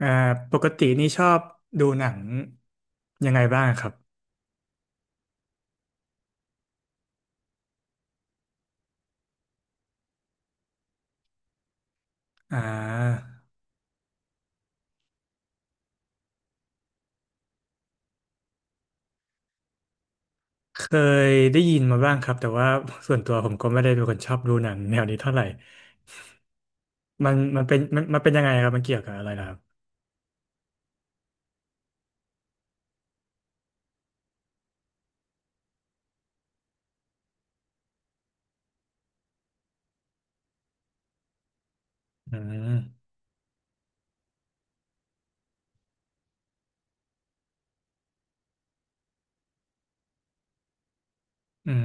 อ่าปกตินี่ชอบดูหนังยังไงบ้างครับอ่าเคยได้ยินมาบ้างครับแต่ว่าส่วนตัวผมก็ไม่ได้เป็นคนชอบดูหนังแนวนี้เท่าไหร่มันเป็นมันเป็นยังไงครับมันเกี่ยวกับอะไรนะครับอืมอืม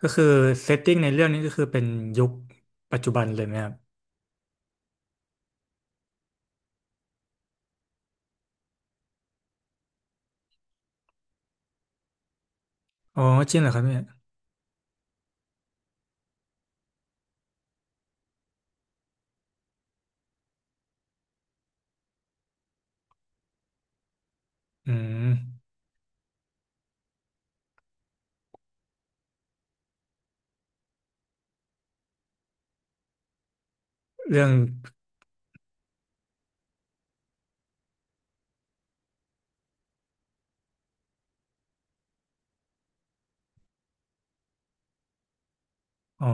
ก็คือเซตติ้งในเรื่องนี้ก็คือเป็นยุคปัจจุบันเลยไหมครับอ๋อจริงเหรอครับเนี่ยอืมเรื่องอ๋อ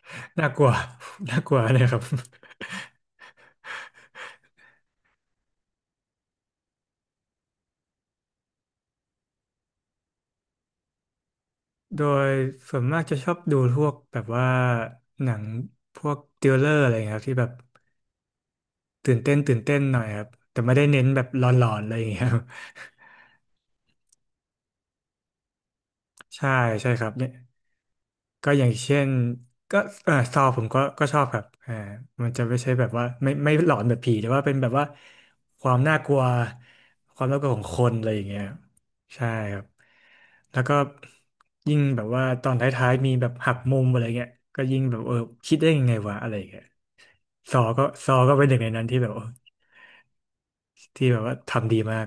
น่ากลัว น่ากลัวเลยครับ โดยส่วนมากจะชอบดูพวกแบบว่าหนังพวกทริลเลอร์อะไรอย่างเงี้ยครับที่แบบตื่นเต้นตื่นเต้นหน่อยครับแต่ไม่ได้เน้นแบบหลอนๆอะไรอย่างเงี้ยครับ ใช่ใช่ครับเนี่ยก็อย่างเช่นก็เออซอผมก็ชอบครับมันจะไม่ใช่แบบว่าไม่หลอนแบบผีแต่ว่าเป็นแบบว่าความน่ากลัวความน่ากลัวของคนอะไรอย่างเงี้ยใช่ครับแล้วก็ยิ่งแบบว่าตอนท้ายๆมีแบบหักมุมอะไรเงี้ยก็ยิ่งแบบเออคิดได้ยังไงวะอะไรอย่างเงี้ย ซอก็เป็นหนึ่งในนั้นที่แบบว่าทำดีมาก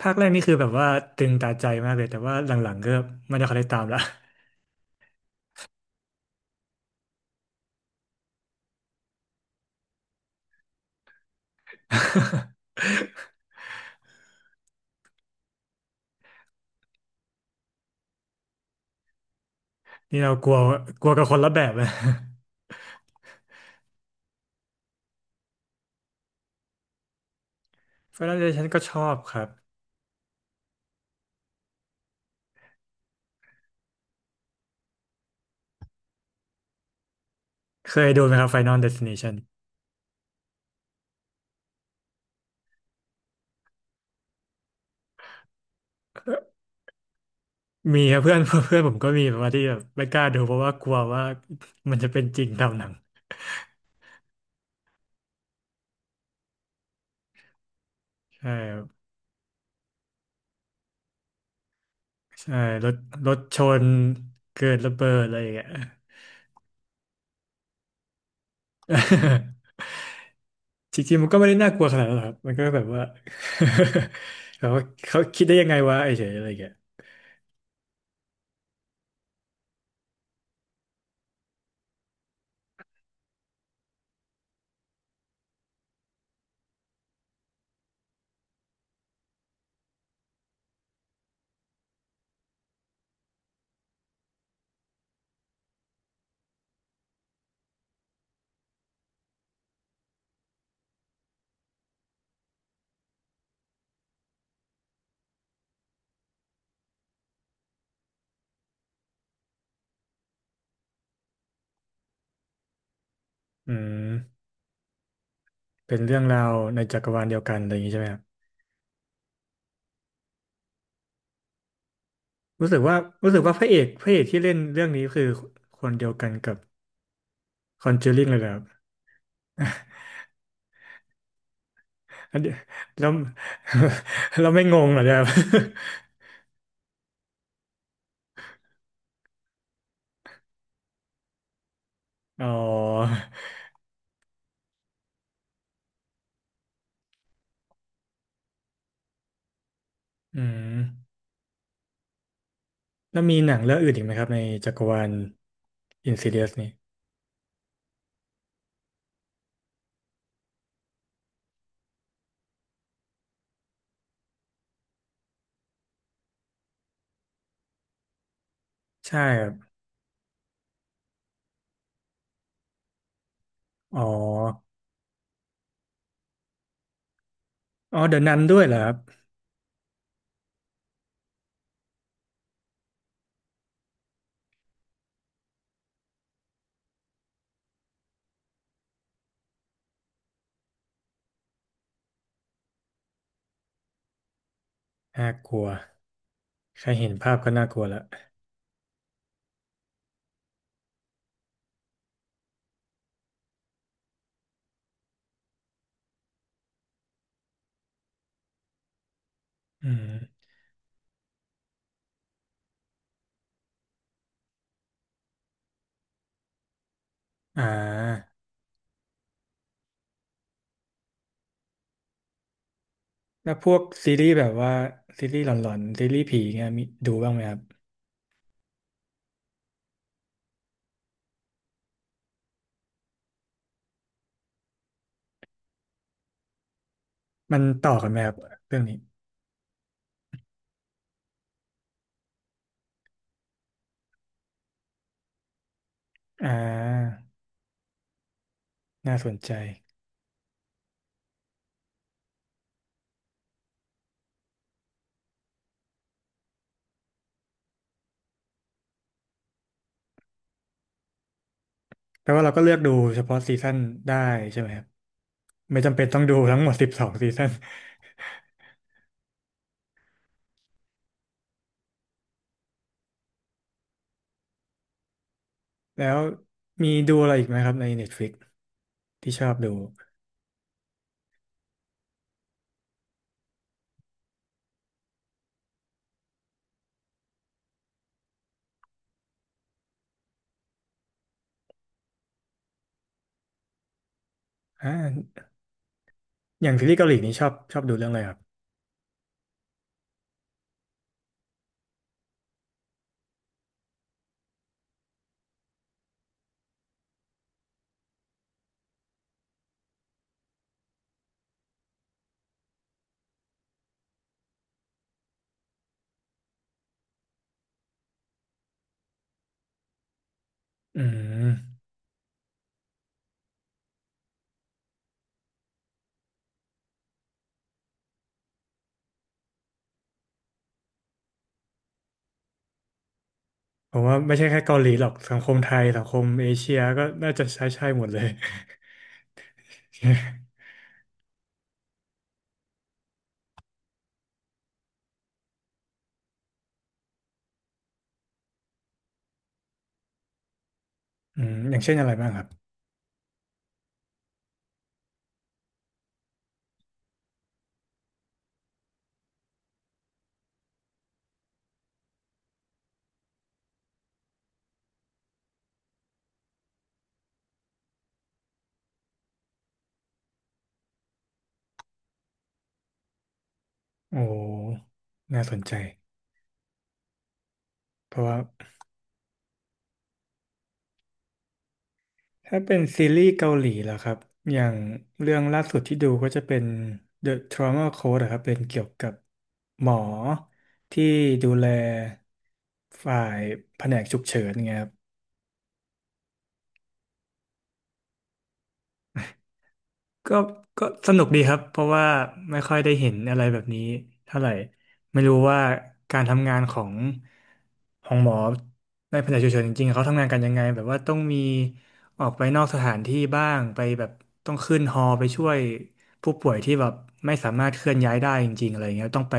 ภาคแรกนี่คือแบบว่าตึงตาใจมากเลยแต่ว่าหลังๆก็ไม่ได้ค่อยได้ตามละ นี่เรากลัวกลัวกับคนละแบบนะ Final Destination ก็ชอบครับเคยดูไหมครับ Final Destination มีครับเพื่อน เพื่อนผมก็มีแบบว่าที่แบบไม่กล้าดูเพราะว่ากลัวว่ามันจะเป็นจริงตามหนังใช่ครับใช่รถรถชนเกิดระเบิดอะไรอย่างเงี้ย จริงๆมันก็ไม่ได้น่ากลัวขนาดนั้นหรอกครับมันก็แบบว่า แบบว่าเขาคิดได้ยังไงวะไอ้เฉยอะไรอย่างเงี้ยอืมเป็นเรื่องราวในจักรวาลเดียวกันอะไรอย่างงี้ใช่ไหมครับรู้สึกว่ารู้สึกว่าพระเอกที่เล่นเรื่องนี้คือคนเดียวกันกับคอนเจอริงเลยเหรอครับอันเดียแล้ว เราไม่งงเหรอเนี่ยครับ อ๋ออืมแล้วมีหนังเรื่องอื่นอีกไหมครับในจักรวาล Insidious นี่ใช่ครับอ๋ออ๋อเดอะนันด้วยเหรอครับน่ากลัว แค่เห็นภาพก็น่ากลัวละอืมอ่าแล้วพวกซีรีส์แบบว่าซีรีส์หลอนๆซีรีส์ผีเงี้ยมีดูบ้างไหมครับ มันต่อกันไหมครับเรื่องนี้ อ่าน่าสนใจแปลว่าเราก็เลือกดูเฉพาะซีซั่นได้ใช่ไหมครับ ไม่จำเป็นต้องดูทั้งหมด12ซีซั่นแล้วมีดูอะไรอีกไหมครับใน Netflix ที่ชอบดู อ่าอย่างซีรีส์เกาหลีนี่ชอบดูเรื่องอะไรครับอืมผมว่าไม่ใช่แค่เกาหลีหรอกสังคมไทยสังคมเอเชียก็น่าจะใช้ใช่หมดเลย อย่างเช่นอะไรบ้างครับ โอ้ น่าสนใจ เพราะว่าถ้าเป็นซีรีส์เกาหลีล่ะครับ อย่างเรื่องล่าสุดที่ดูก็จะเป็น The Trauma Code อะครับ เป็นเกี่ยวกับหมอที่ดูแลฝ่ายแผนกฉุกเฉินไงครับ ก็ก็สนุกดีครับเพราะว่าไม่ค่อยได้เห็นอะไรแบบนี้เท่าไหร่ไม่รู้ว่าการทำงานของหมอในแผนกฉุกเฉินจริงๆเขาทำงานกันยังไงแบบว่าต้องมีออกไปนอกสถานที่บ้างไปแบบต้องขึ้นฮอไปช่วยผู้ป่วยที่แบบไม่สามารถเคลื่อนย้ายได้จริงๆอะไรเงี้ยต้องไป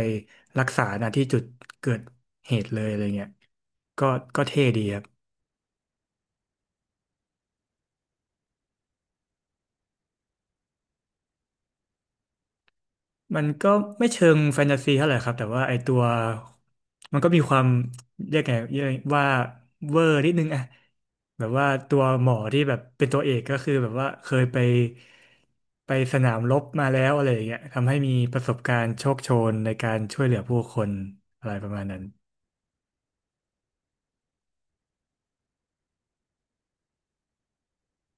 รักษาณที่จุดเกิดเหตุเลยอะไรเงี้ยก็ก็เท่ดีครับ มันก็ไม่เชิงแฟนตาซีเท่าไหร่ครับแต่ว่าไอตัวมันก็มีความเรียกไงเรียกว่าเวอร์นิดนึงอะแบบว่าตัวหมอที่แบบเป็นตัวเอกก็คือแบบว่าเคยไปสนามรบมาแล้วอะไรอย่างเงี้ยทำให้มีประสบการณ์โชคโชนในการช่วยเหลือผู้คนอะไรประมาณนั้น